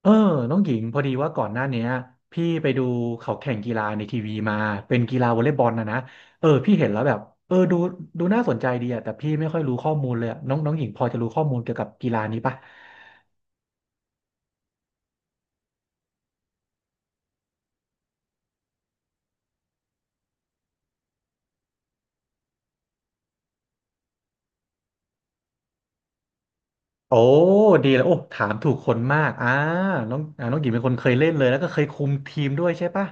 เออน้องหญิงพอดีว่าก่อนหน้าเนี้ยพี่ไปดูเขาแข่งกีฬาในทีวีมาเป็นกีฬาวอลเลย์บอลนะพี่เห็นแล้วแบบเออดูดูน่าสนใจดีอะแต่พี่ไม่ค่อยรู้ข้อมูลเลยอะน้องน้องหญิงพอจะรู้ข้อมูลเกี่ยวกับกีฬานี้ปะโอ้ดีแล้วโอ้ถามถูกคนมากน้องหญิงเป็นคนเคยเล่นเลยแล้วก็เคยคุมทีมด้วยใช่ปะ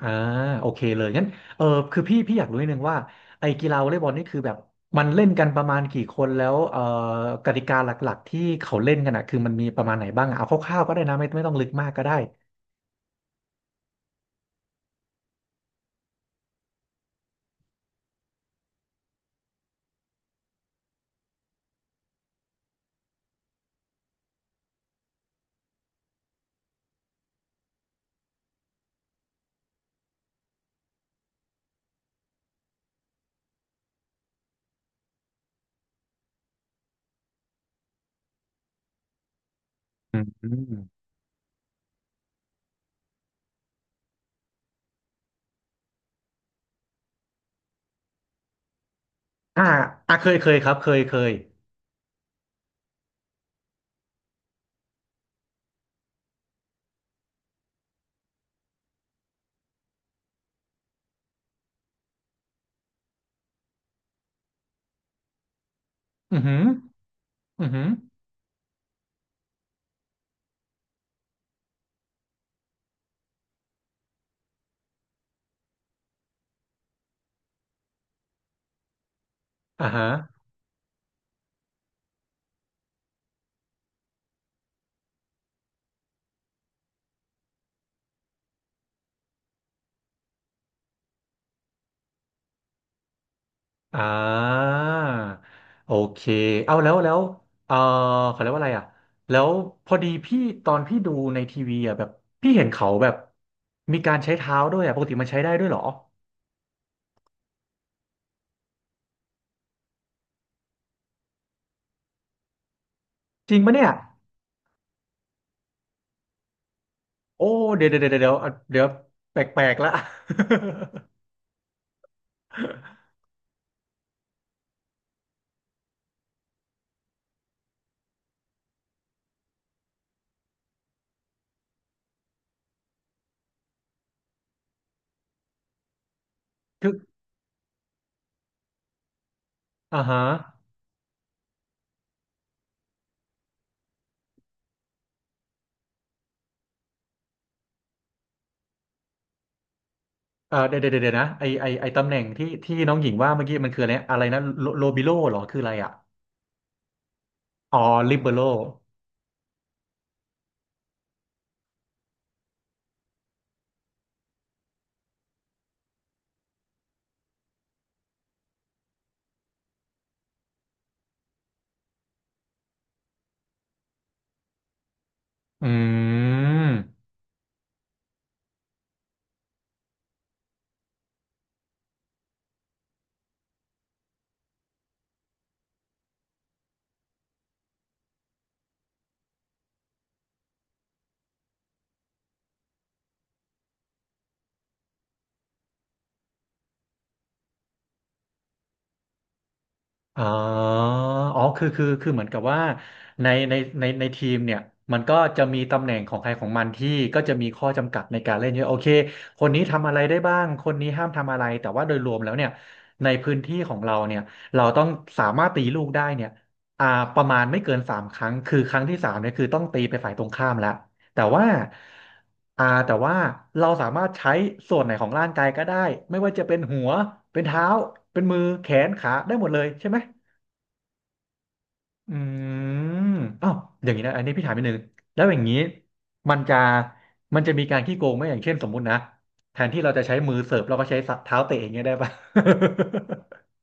อ่าโอเคเลยงั้นเออคือพี่อยากรู้นิดนึงว่าไอ้กีฬาวอลเลย์บอลนี่คือแบบมันเล่นกันประมาณกี่คนแล้วกติกาหลักๆที่เขาเล่นกันอ่ะคือมันมีประมาณไหนบ้างอะเอาคร่าวๆก็ได้นะไม่ต้องลึกมากก็ได้อืมอมอ่าอ่าเคยเคยครับเคยเคยอือหืออือหืออ่าฮะ อ่าโอเคเอาแล้วแล้วเออเขาเรียกว่าอะไรอ่ะแล้วพอดีพี่ตอนพี่ดูในทีวีอ่ะแบบพี่เห็นเขาแบบมีการใช้เท้าด้วยอ่ะปกติมันใช้ได้ด้วยเหรอจริงปะเนี่ยโอ้เดี๋ยวเดี๋ยวอ่ะเดี๋ยวแปลกๆละ คืออ่าฮะเดี๋ยวเดี๋ยวนะไอตำแหน่งที่น้องหญิงว่าเมื่อกี้มันคืออะไรอะไรนะโลบิโลเหรอคืออะไรอ่ะอ๋อลิเบโรอืม อ๋ออ๋อคือคือเหมือนกับว่าในในในทีมเนี่ยมันก็จะมีตำแหน่งของใครของมันที่ก็จะมีข้อจำกัดในการเล่นเยอะโอเคคนนี้ทำอะไรได้บ้างคนนี้ห้ามทำอะไรแต่ว่าโดยรวมแล้วเนี่ยในพื้นที่ของเราเนี่ยเราต้องสามารถตีลูกได้เนี่ยอ่าประมาณไม่เกินสามครั้ง คือครั้งที่สามเนี่ยคือต้องตีไปฝ่ายตรงข้ามแล้ว แต่ว่าแต่ว่าเราสามารถใช้ส่วนไหนของร่างกายก็ได้ไม่ว่าจะเป็นหัวเป็นเท้าเป็นมือแขนขาได้หมดเลยใช่ไหมอืมอ้าวอย่างนี้นะอันนี้พี่ถามนิดนึงแล้วอย่างนี้มันจะมีการขี้โกงไหมอย่างเช่นสมมุตินะแทนที่เราจะใช้มือเสิร์ฟเราก็ใช้เท้าเตะอย่างเงี้ยได้ปะ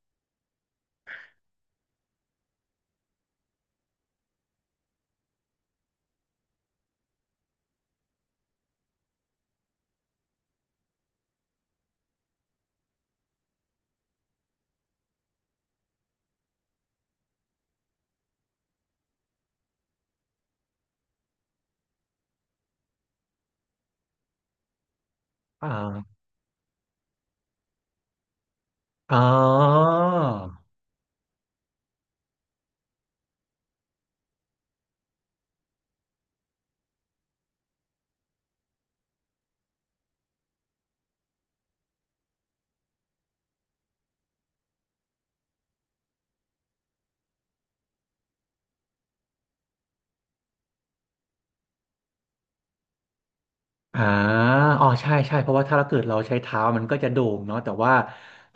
อ่าอ๋อ อ่าอ๋อใช่ใช่เพราะว่าถ้าเราเกิดเราใช้เท้ามันก็จะโด่งเนาะแต่ว่า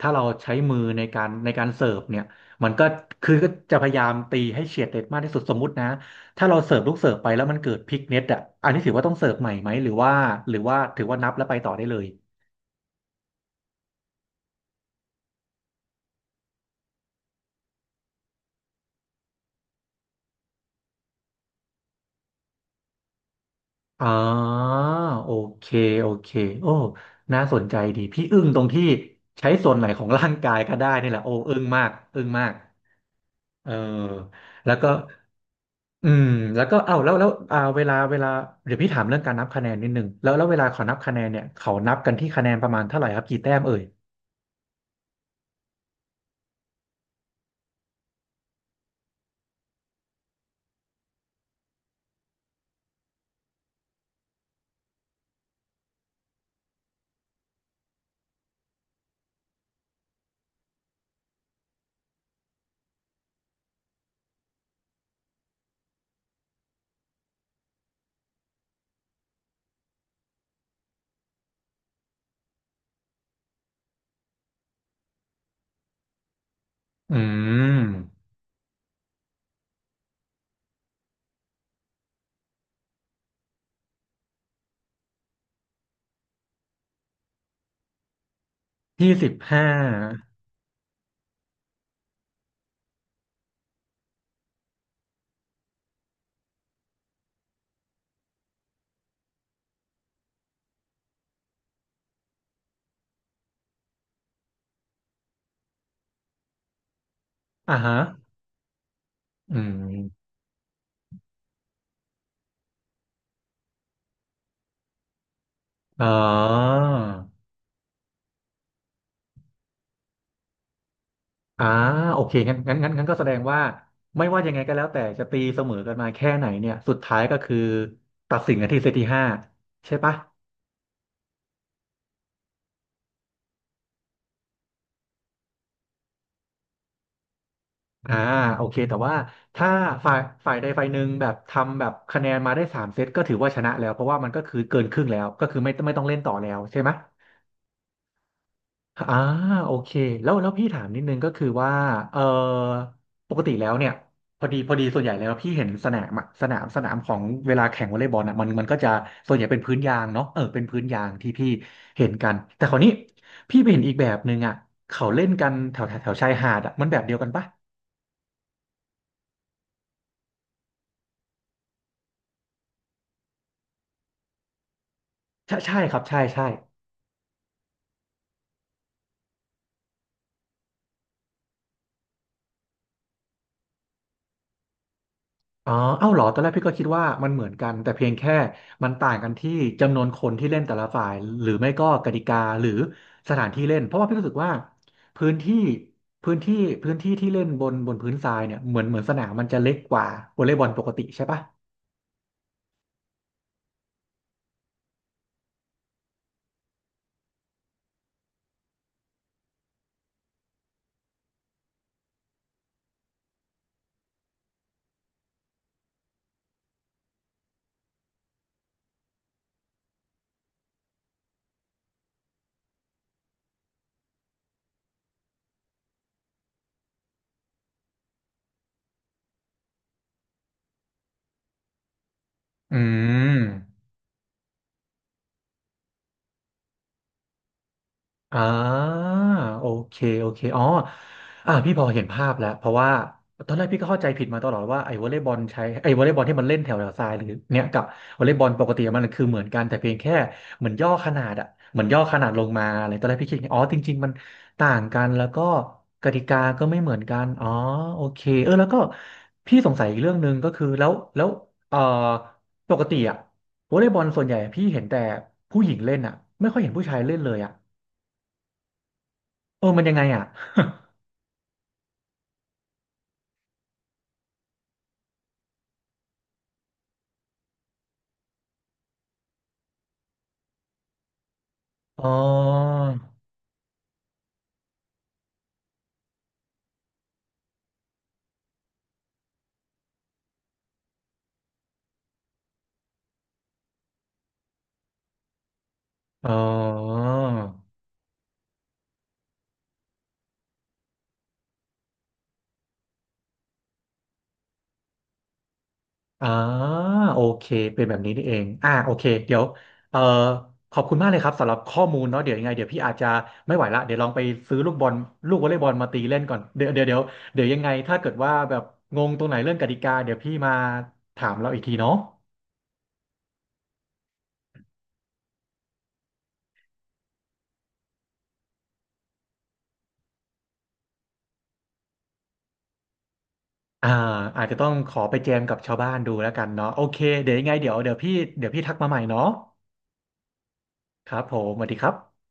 ถ้าเราใช้มือในการเสิร์ฟเนี่ยมันก็คือก็จะพยายามตีให้เฉียดเด็ดมากที่สุดสมมุตินะถ้าเราเสิร์ฟลูกเสิร์ฟไปแล้วมันเกิดพลิกเน็ตอ่ะอันนี้ถือว่าต้องเสิร์ฟใหม่ไหมหรือว่าหรือว่าถือว่านับแล้วไปต่อได้เลยอ๋อโอเคโอเคโอ้น่าสนใจดีพี่อึ้งตรงที่ใช้ส่วนไหนของร่างกายก็ได้นี่แหละโอ้อึ้งมากอึ้งมากเออแล้วก็ อืมแล้วก็เอ้าแล้วแล้วเวลาเดี๋ยวพี่ถามเรื่องการนับคะแนนนิดนึงแล้วแล้วเวลาเขานับคะแนนเนี่ยเขานับกันที่คะแนนประมาณเท่าไหร่ครับกี่แต้มเอ่ยอืม25อ่าฮะอืมอ๋ออ่าโอเคงั้นงั้นก็แสดงว่าไม่ว่ายังไงก็แล้วแต่จะตีเสมอกันมาแค่ไหนเนี่ยสุดท้ายก็คือตัดสินกันที่เซตที่ห้าใช่ปะ อ่าโอเคแต่ว่าถ้าฝ่ายฝ่ายใดฝ่ายหนึ่งแบบทำแบบคะแนนมาได้สามเซตก็ถือว่าชนะแล้วเพราะว่ามันก็คือเกินครึ่งแล้วก็คือไม่ต้องเล่นต่อแล้วใช่ไหมอ่าโอเคแล้วแล้วพี่ถามนิดนึงก็คือว่าเออปกติแล้วเนี่ยพอดีส่วนใหญ่แล้วพี่เห็นสนามอะสนามของเวลาแข่งวอลเลย์บอลอ่ะมันก็จะส่วนใหญ่เป็นพื้นยางเนาะเป็นพื้นยางที่พี่เห็นกันแต่คราวนี้พี่ไปเห็นอีกแบบหนึ่งอ่ะเขาเล่นกันแถวแถวแถวชายหาดอ่ะมันแบบเดียวกันปะใช่ใช่ครับใช่ใช่ อ๋อเอ้าเหรอตอนแรกพี่ก็คิดว่ามันเหมือนกันแต่เพียงแค่มันต่างกันที่จำนวนคนที่เล่นแต่ละฝ่ายหรือไม่ก็กติกาหรือสถานที่เล่นเพราะว่าพี่รู้สึกว่าพื้นที่พื้นที่พื้นที่ที่เล่นบนบนพื้นทรายเนี่ยเหมือนสนามมันจะเล็กกว่าวอลเลย์บอลปกติใช่ปะอืม อ่าโอเคโอเคอ๋ออ่าพี่พอเห็นภาพแล้วเพราะว่าตอนแรกพี่ก็เข้าใจผิดมาตลอดว่าไอ้วอลเลย์บอลใช้ไอ้วอลเลย์บอลที่มันเล่นแถวแถวทรายหรือเนี่ยกับวอลเลย์บอลปกติมันคือเหมือนกันแต่เพียงแค่เหมือนย่อขนาดอะเหมือนย่อขนาดลงมาอะไรตอนแรกพี่คิดอย่างนี้อ๋อจริงๆมันต่างกันแล้วก็กติกาก็ไม่เหมือนกันอ๋อโอเคแล้วก็พี่สงสัยอีกเรื่องหนึ่งก็คือแล้วแล้วเอ่อปกติอะวอลเลย์บอลส่วนใหญ่พี่เห็นแต่ผู้หญิงเล่นอะไม่ค่อยเห็นผู้ชายเล่นเลยอะ มันยังไงอ่ะ อ๋ออ๋ออ๋อโอเคเป็นแบบนี้นี่เองอ่าโอเคเดี๋ยวเอ่อขอบคุณมากเลยครับสำหรับข้อมูลเนาะเดี๋ยวยังไงเดี๋ยวพี่อาจจะไม่ไหวละเดี๋ยวลองไปซื้อลูกบอลลูกวอลเลย์บอลมาตีเล่นก่อนเดี๋ยวเดี๋ยวยังไงถ้าเกิดว่าแบบงงตรงไหนเรื่องกติกาเดี๋ยวพี่มาถามเราอีกทีเนาะอ่าอาจจะต้องขอไปแจมกับชาวบ้านดูแล้วกันเนาะโอเคเดี๋ยวยังไงเดี๋ยวพี่เดี๋ยวพี่ทักมาใหม่เนาะครับผมสวัสดีครับ